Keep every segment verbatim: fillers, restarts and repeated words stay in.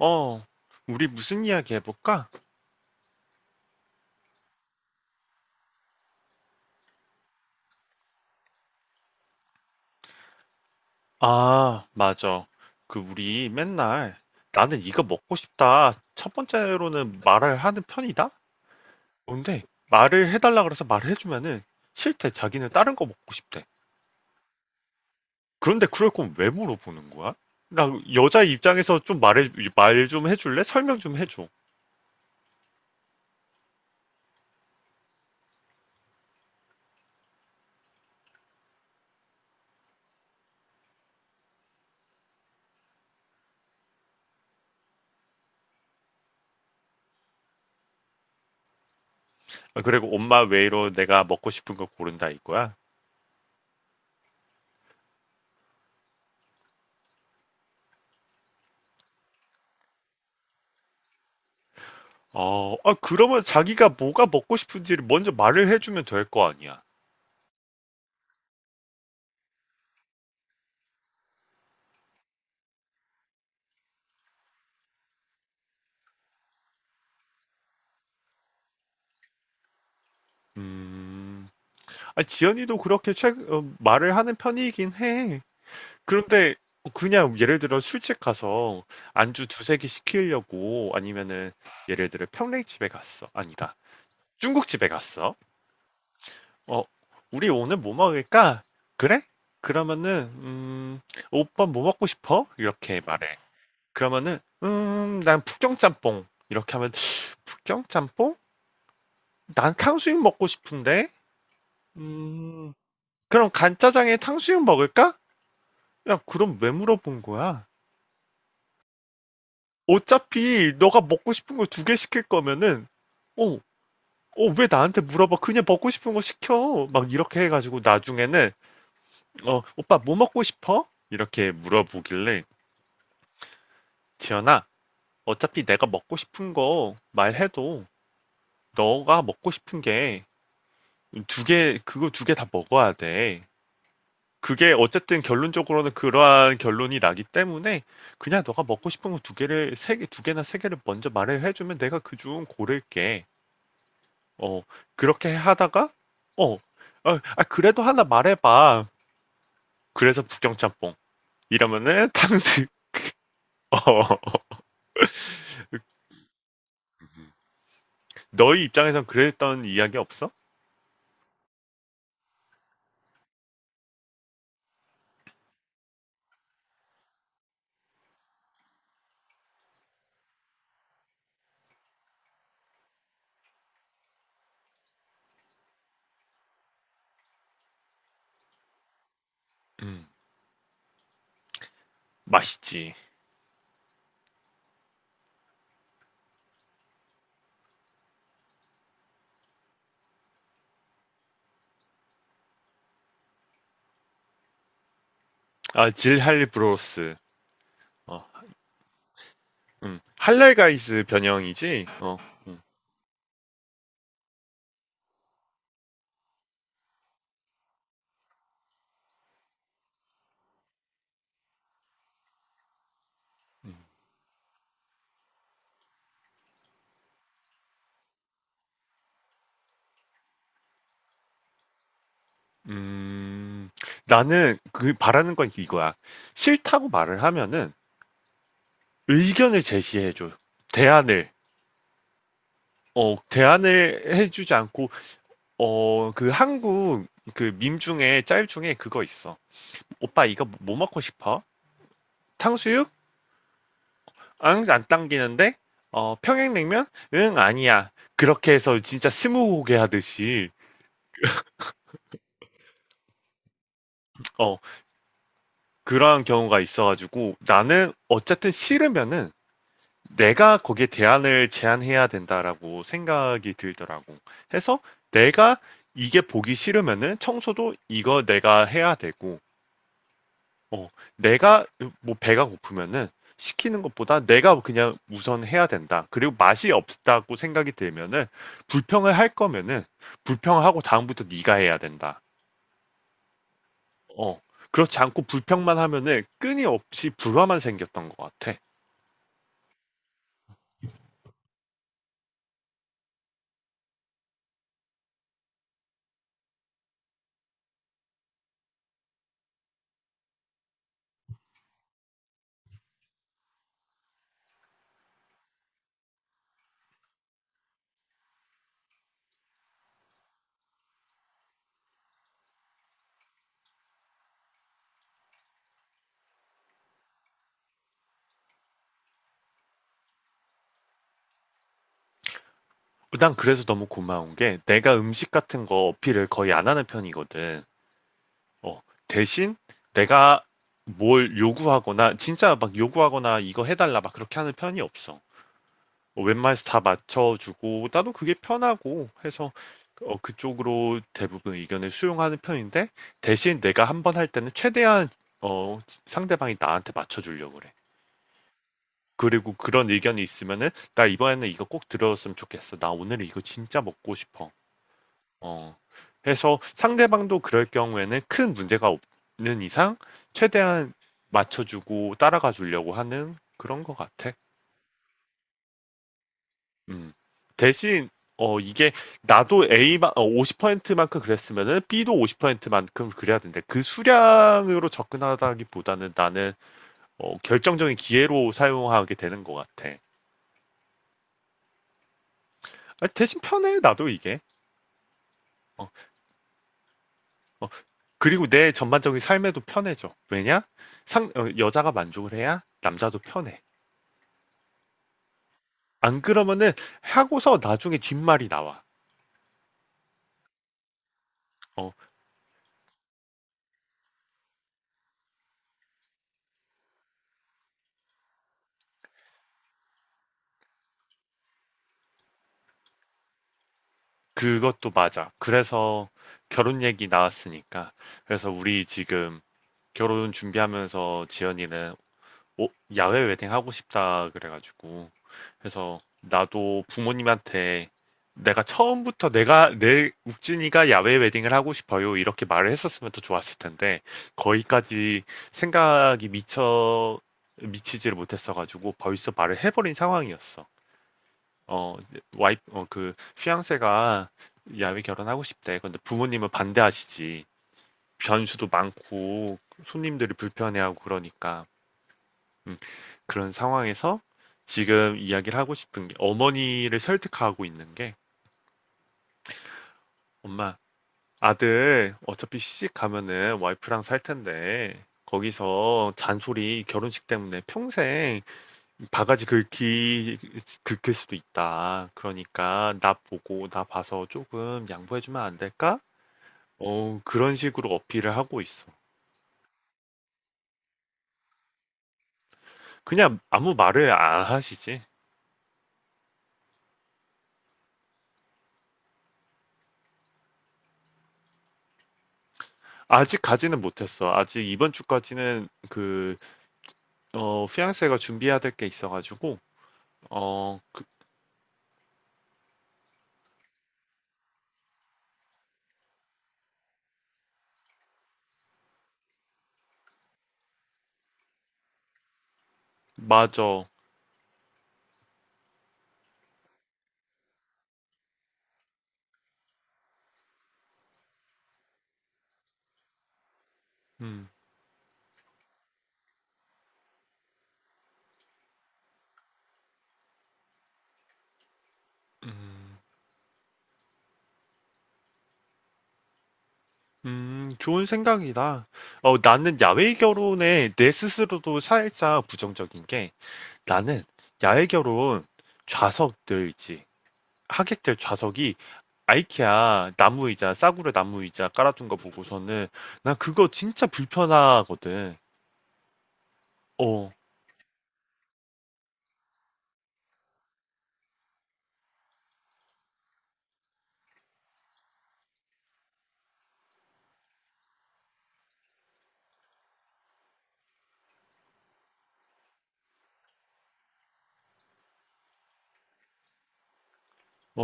어, 우리 무슨 이야기 해볼까? 아, 맞아. 그, 우리 맨날 나는 이거 먹고 싶다. 첫 번째로는 말을 하는 편이다? 근데 말을 해달라 그래서 말을 해주면은 싫대. 자기는 다른 거 먹고 싶대. 그런데 그럴 거면 왜 물어보는 거야? 나 여자 입장에서 좀 말해, 말 좀 해줄래? 설명 좀 해줘. 아, 그리고 엄마 외로 내가 먹고 싶은 거 고른다 이거야? 어, 아, 그러면 자기가 뭐가 먹고 싶은지를 먼저 말을 해주면 될 거 아니야. 음, 아, 지연이도 그렇게 최, 어, 말을 하는 편이긴 해. 그런데 그냥 예를 들어 술집 가서 안주 두세 개 시키려고 아니면은 예를 들어 평냉집에 갔어. 아니다. 중국집에 갔어. 어, 우리 오늘 뭐 먹을까? 그래? 그러면은 음, 오빠 뭐 먹고 싶어? 이렇게 말해. 그러면은 음, 난 북경짬뽕. 이렇게 하면 북경짬뽕? 난 탕수육 먹고 싶은데. 음, 그럼 간짜장에 탕수육 먹을까? 야, 그럼 왜 물어본 거야? 어차피 너가 먹고 싶은 거 두 개 시킬 거면은, 어, 어, 왜 나한테 물어봐? 그냥 먹고 싶은 거 시켜. 막 이렇게 해가지고 나중에는, 어, 오빠 뭐 먹고 싶어? 이렇게 물어보길래, 지연아, 어차피 내가 먹고 싶은 거 말해도 너가 먹고 싶은 게 두 개, 그거 두 개 다 먹어야 돼. 그게 어쨌든 결론적으로는 그러한 결론이 나기 때문에 그냥 너가 먹고 싶은 거 두 개를 세 개, 두 개나 세 개를 먼저 말을 해주면 내가 그 중 고를게. 어, 그렇게 하다가 어, 어, 아, 그래도 하나 말해봐. 그래서 북경짬뽕 이러면은 탕수육. 어, 너희 입장에선 그랬던 이야기 없어? 음, 맛있지. 아, 질할 브로스. 어, 음, 할랄 가이스 변형이지. 어, 음. 음, 나는 그 바라는 건 이거야. 싫다고 말을 하면은 의견을 제시해줘. 대안을. 어, 대안을 해주지 않고, 어, 그 한국 그 밈 중에 짤 중에 그거 있어. 오빠 이거 뭐 먹고 싶어? 탕수육? 응, 안 당기는데? 어, 평양냉면? 응, 아니야. 그렇게 해서 진짜 스무고개 하듯이, 어, 그러한 경우가 있어가지고 나는 어쨌든 싫으면은 내가 거기에 대안을 제안해야 된다라고 생각이 들더라고. 해서 내가 이게 보기 싫으면은 청소도 이거 내가 해야 되고, 어, 내가 뭐 배가 고프면은 시키는 것보다 내가 그냥 우선 해야 된다. 그리고 맛이 없다고 생각이 들면은 불평을 할 거면은 불평하고 다음부터 네가 해야 된다. 어, 그렇지 않고 불평만 하면은 끊임없이 불화만 생겼던 것 같아. 난 그래서 너무 고마운 게 내가 음식 같은 거 어필을 거의 안 하는 편이거든. 어, 대신 내가 뭘 요구하거나 진짜 막 요구하거나 이거 해달라 막 그렇게 하는 편이 없어. 어, 웬만해서 다 맞춰주고 나도 그게 편하고 해서 어, 그쪽으로 대부분 의견을 수용하는 편인데 대신 내가 한번 할 때는 최대한 어, 상대방이 나한테 맞춰주려고 그래. 그리고 그런 의견이 있으면은 나 이번에는 이거 꼭 들어줬으면 좋겠어. 나 오늘 이거 진짜 먹고 싶어. 어. 그래서 상대방도 그럴 경우에는 큰 문제가 없는 이상 최대한 맞춰주고 따라가 주려고 하는 그런 것 같아. 음. 대신 어 이게 나도 A만 오십 퍼센트만큼 그랬으면은 B도 오십 퍼센트만큼 그래야 되는데 그 수량으로 접근하다기보다는 나는 어, 결정적인 기회로 사용하게 되는 것 같아. 아, 대신 편해 나도 이게. 어, 어, 그리고 내 전반적인 삶에도 편해져. 왜냐? 상, 어, 여자가 만족을 해야 남자도 편해. 안 그러면은 하고서 나중에 뒷말이 나와. 어, 그것도 맞아. 그래서 결혼 얘기 나왔으니까. 그래서 우리 지금 결혼 준비하면서 지연이는 어, 야외 웨딩 하고 싶다 그래가지고 그래서 나도 부모님한테 내가 처음부터 내가 내 욱진이가 야외 웨딩을 하고 싶어요 이렇게 말을 했었으면 더 좋았을 텐데 거기까지 생각이 미쳐 미치지를 못했어가지고 벌써 말을 해버린 상황이었어. 어 와이 어그 휘양세가 야외 결혼하고 싶대. 근데 부모님은 반대하시지. 변수도 많고 손님들이 불편해하고 그러니까 음, 그런 상황에서 지금 이야기를 하고 싶은 게 어머니를 설득하고 있는 게 엄마, 아들 어차피 시집 가면은 와이프랑 살 텐데 거기서 잔소리 결혼식 때문에 평생 바가지 긁기 긁힐 수도 있다. 그러니까 나 보고 나 봐서 조금 양보해주면 안 될까? 어, 그런 식으로 어필을 하고 있어. 그냥 아무 말을 안 하시지. 아직가지는 못했어. 아직 이번 주까지는 그 어, 피앙세가 준비해야 될 게 있어가지고, 어, 그, 맞아. 음, 음, 음, 좋은 생각이다. 어, 나는 야외 결혼에 내 스스로도 살짝 부정적인 게, 나는 야외 결혼 좌석들 있지. 하객들 좌석이 아이케아 나무 의자, 싸구려 나무 의자 깔아둔 거 보고서는, 나 그거 진짜 불편하거든. 어,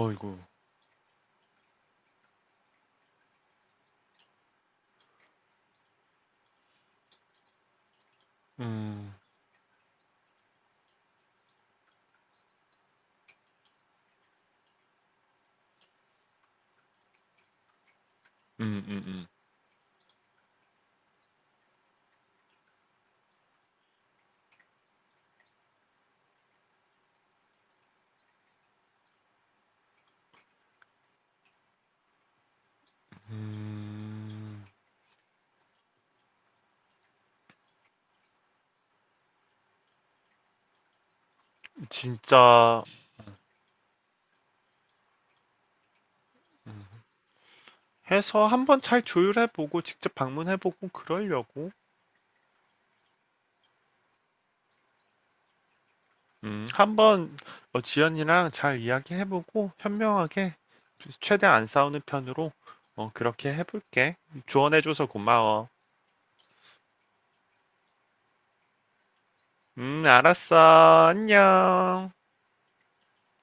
어이구. 음, 음, 음, 음. 음, 진짜, 해서 한번 잘 조율해보고 직접 방문해보고 그러려고 음, 한번 어, 지연이랑 잘 이야기해보고 현명하게 최대한 안 싸우는 편으로 어, 그렇게 해볼게. 조언해줘서 고마워. 음, 알았어. 안녕.